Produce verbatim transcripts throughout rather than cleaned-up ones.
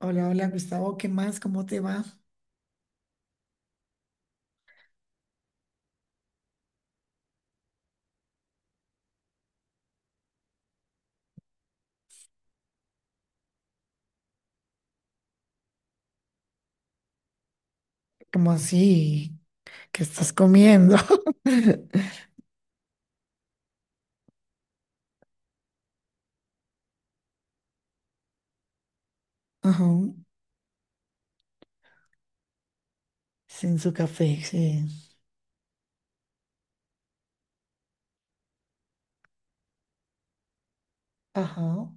Hola, hola Gustavo, ¿qué más? ¿Cómo te va? ¿Cómo así? ¿Qué estás comiendo? Ajá, sin su café, sí. Ajá,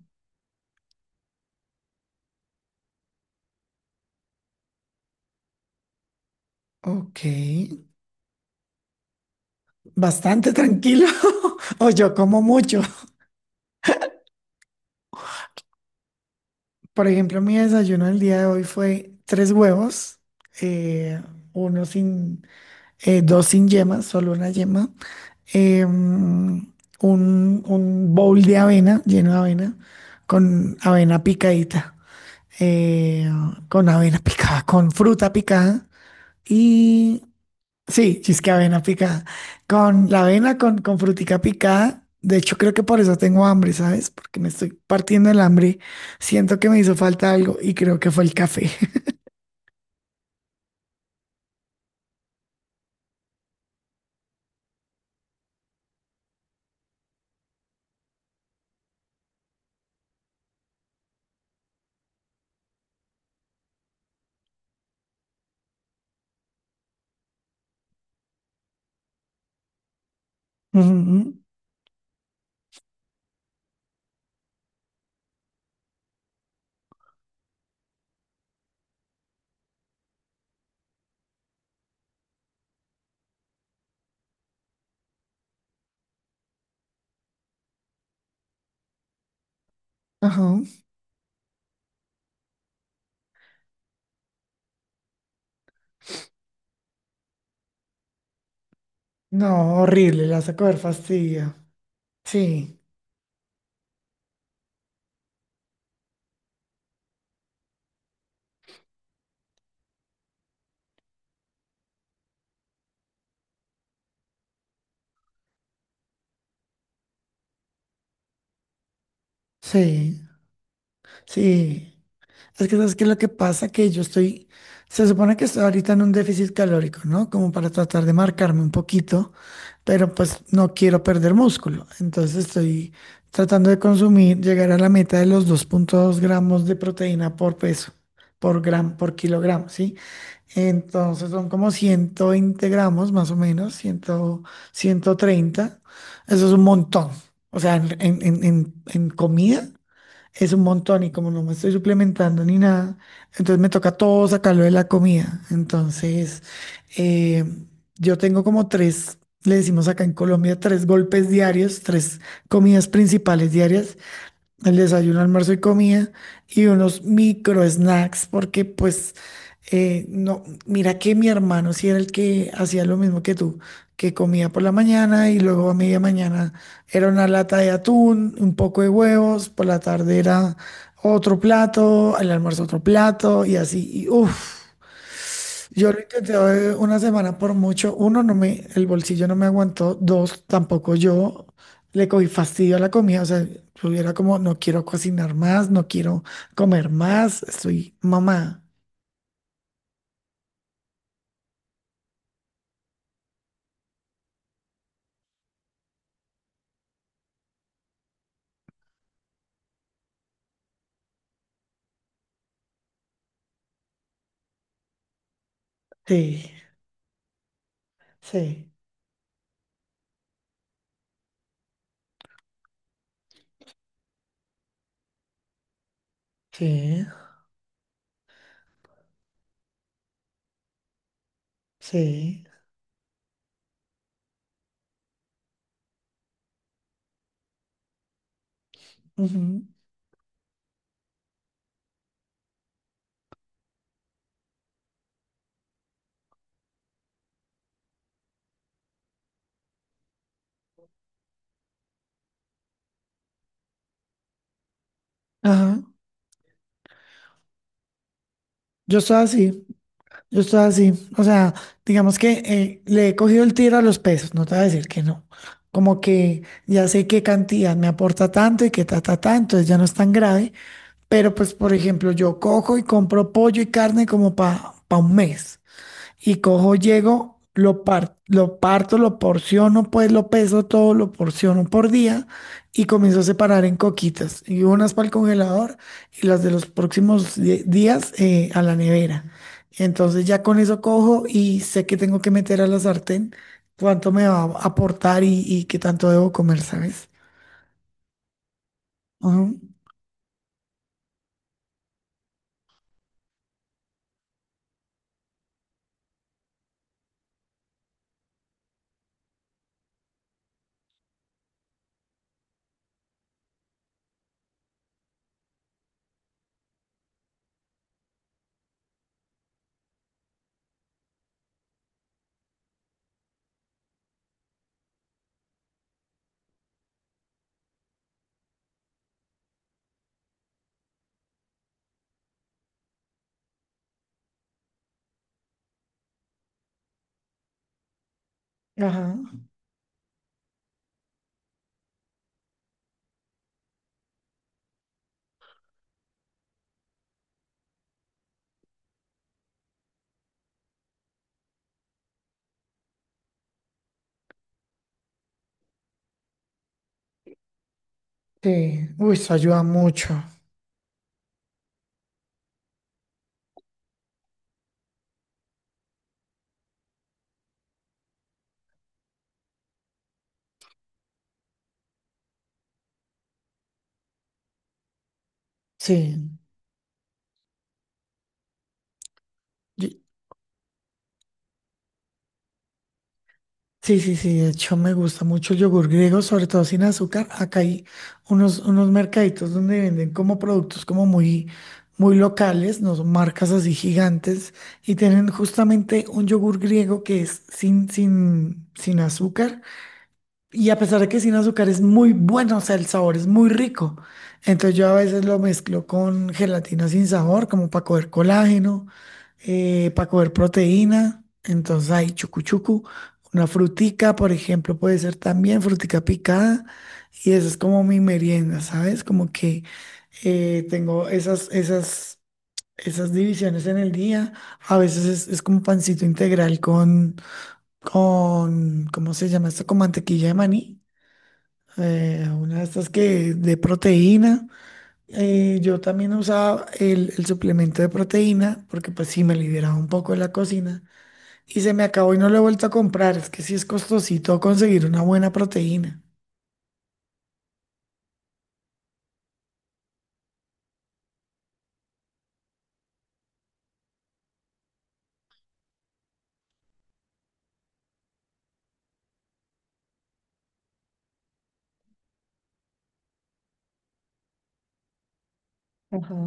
ok. Bastante tranquilo. O yo como mucho. Por ejemplo, mi desayuno el día de hoy fue tres huevos, eh, uno sin, eh, dos sin yema, solo una yema, eh, un, un bowl de avena, lleno de avena, con avena picadita. eh, con avena picada, con fruta picada y sí, chisque avena picada, con la avena, con, con frutica picada. De hecho, creo que por eso tengo hambre, ¿sabes? Porque me estoy partiendo el hambre. Siento que me hizo falta algo y creo que fue el café. Ujú. Ajá. No, horrible, la saco de fastidio. Sí, sí, sí. Es que sabes que lo que pasa que yo estoy, se supone que estoy ahorita en un déficit calórico, ¿no? Como para tratar de marcarme un poquito. Pero pues no quiero perder músculo. Entonces estoy tratando de consumir, llegar a la meta de los dos punto dos gramos de proteína por peso, por gram, por kilogramo, ¿sí? Entonces son como ciento veinte gramos más o menos, cien, ciento treinta. Eso es un montón. O sea, en, en en- en- en comida es un montón y como no me estoy suplementando ni nada, entonces me toca todo sacarlo de la comida. Entonces, eh, yo tengo como tres, le decimos acá en Colombia, tres golpes diarios, tres comidas principales diarias, el desayuno, almuerzo y comida, y unos micro snacks porque pues eh, no, mira que mi hermano sí era el que hacía lo mismo que tú, que comía por la mañana y luego a media mañana era una lata de atún, un poco de huevos, por la tarde era otro plato, al almuerzo otro plato y así, y uff. Yo lo intenté eh, una semana por mucho. Uno, no me, el bolsillo no me aguantó. Dos, tampoco yo le cogí fastidio a la comida. O sea, tuviera como, no quiero cocinar más, no quiero comer más. Estoy mamá. Sí, sí, sí, sí. Ujú. Ajá. Yo estoy así, yo estoy así. O sea, digamos que eh, le he cogido el tiro a los pesos, no te voy a decir que no. Como que ya sé qué cantidad me aporta tanto y qué ta, ta, ta, entonces ya no es tan grave. Pero pues, por ejemplo, yo cojo y compro pollo y carne como para un mes. Y cojo, llego, lo, par- lo parto, lo porciono, pues lo peso todo, lo porciono por día y comienzo a separar en coquitas. Y unas para el congelador y las de los próximos di- días eh, a la nevera. Entonces ya con eso cojo y sé que tengo que meter a la sartén cuánto me va a aportar y, y qué tanto debo comer, ¿sabes? Ujú. Ajá. Sí, uy, eso ayuda mucho. Sí, yo- sí, sí, sí. De hecho, me gusta mucho el yogur griego, sobre todo sin azúcar. Acá hay unos, unos mercaditos donde venden como productos como muy, muy locales, no son marcas así gigantes, y tienen justamente un yogur griego que es sin, sin, sin azúcar. Y a pesar de que sin azúcar es muy bueno, o sea, el sabor es muy rico. Entonces yo a veces lo mezclo con gelatina sin sabor, como para coger colágeno, para coger proteína. Entonces hay chucu chucu, una frutica, por ejemplo, puede ser también frutica picada. Y eso es como mi merienda, ¿sabes? Como que eh, tengo esas, esas, esas divisiones en el día. A veces es, es como pancito integral con, con, ¿cómo se llama esto? Con mantequilla de maní eh, a una de estas que de proteína. Eh, yo también usaba el, el suplemento de proteína porque pues sí me liberaba un poco de la cocina y se me acabó y no lo he vuelto a comprar. Es que sí es costosito conseguir una buena proteína. Ajá.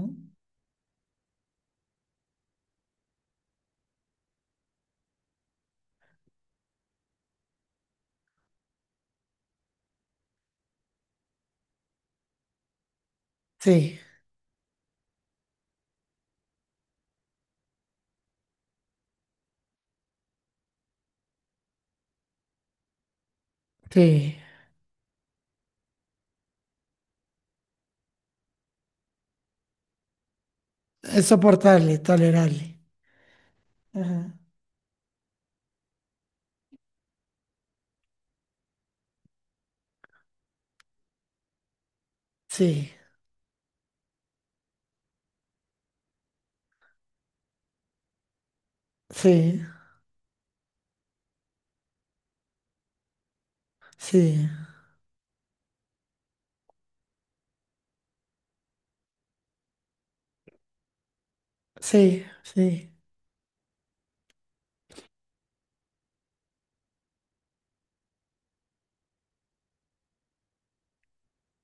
Sí, sí. Es soportable, tolerable. Ajá. Sí, sí, sí, sí, sí.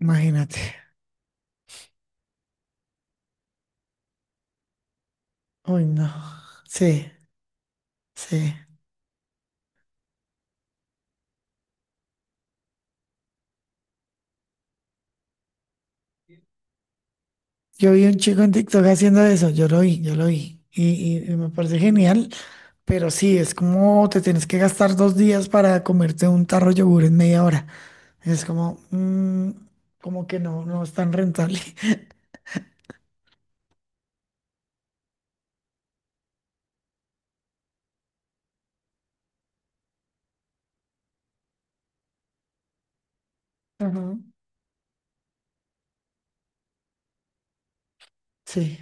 Imagínate. Uy, no. Sí, sí. Yo vi un chico en TikTok haciendo eso, yo lo vi, yo lo vi. Y, y- y me parece genial, pero sí, es como te tienes que gastar dos días para comerte un tarro de yogur en media hora. Es como, mm, como que no, no es tan rentable. Ujú. Sí,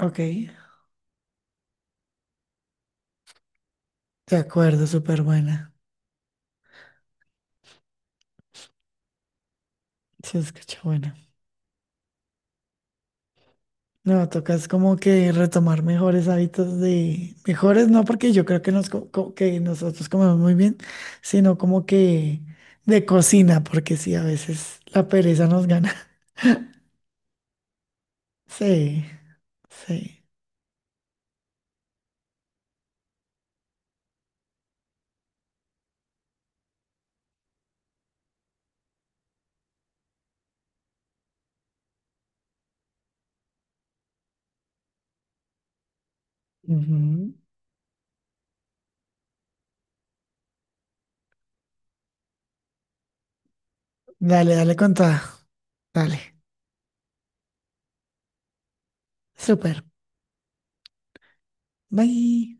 ok, de acuerdo, súper buena. Se escucha buena. No, tocas como que retomar mejores hábitos de, mejores no porque yo creo que, nos, co- co- que nosotros comemos muy bien, sino como que de cocina, porque sí, a veces la pereza nos gana. Sí, sí. Ujú. Dale, dale con toda. Dale. Súper. Bye.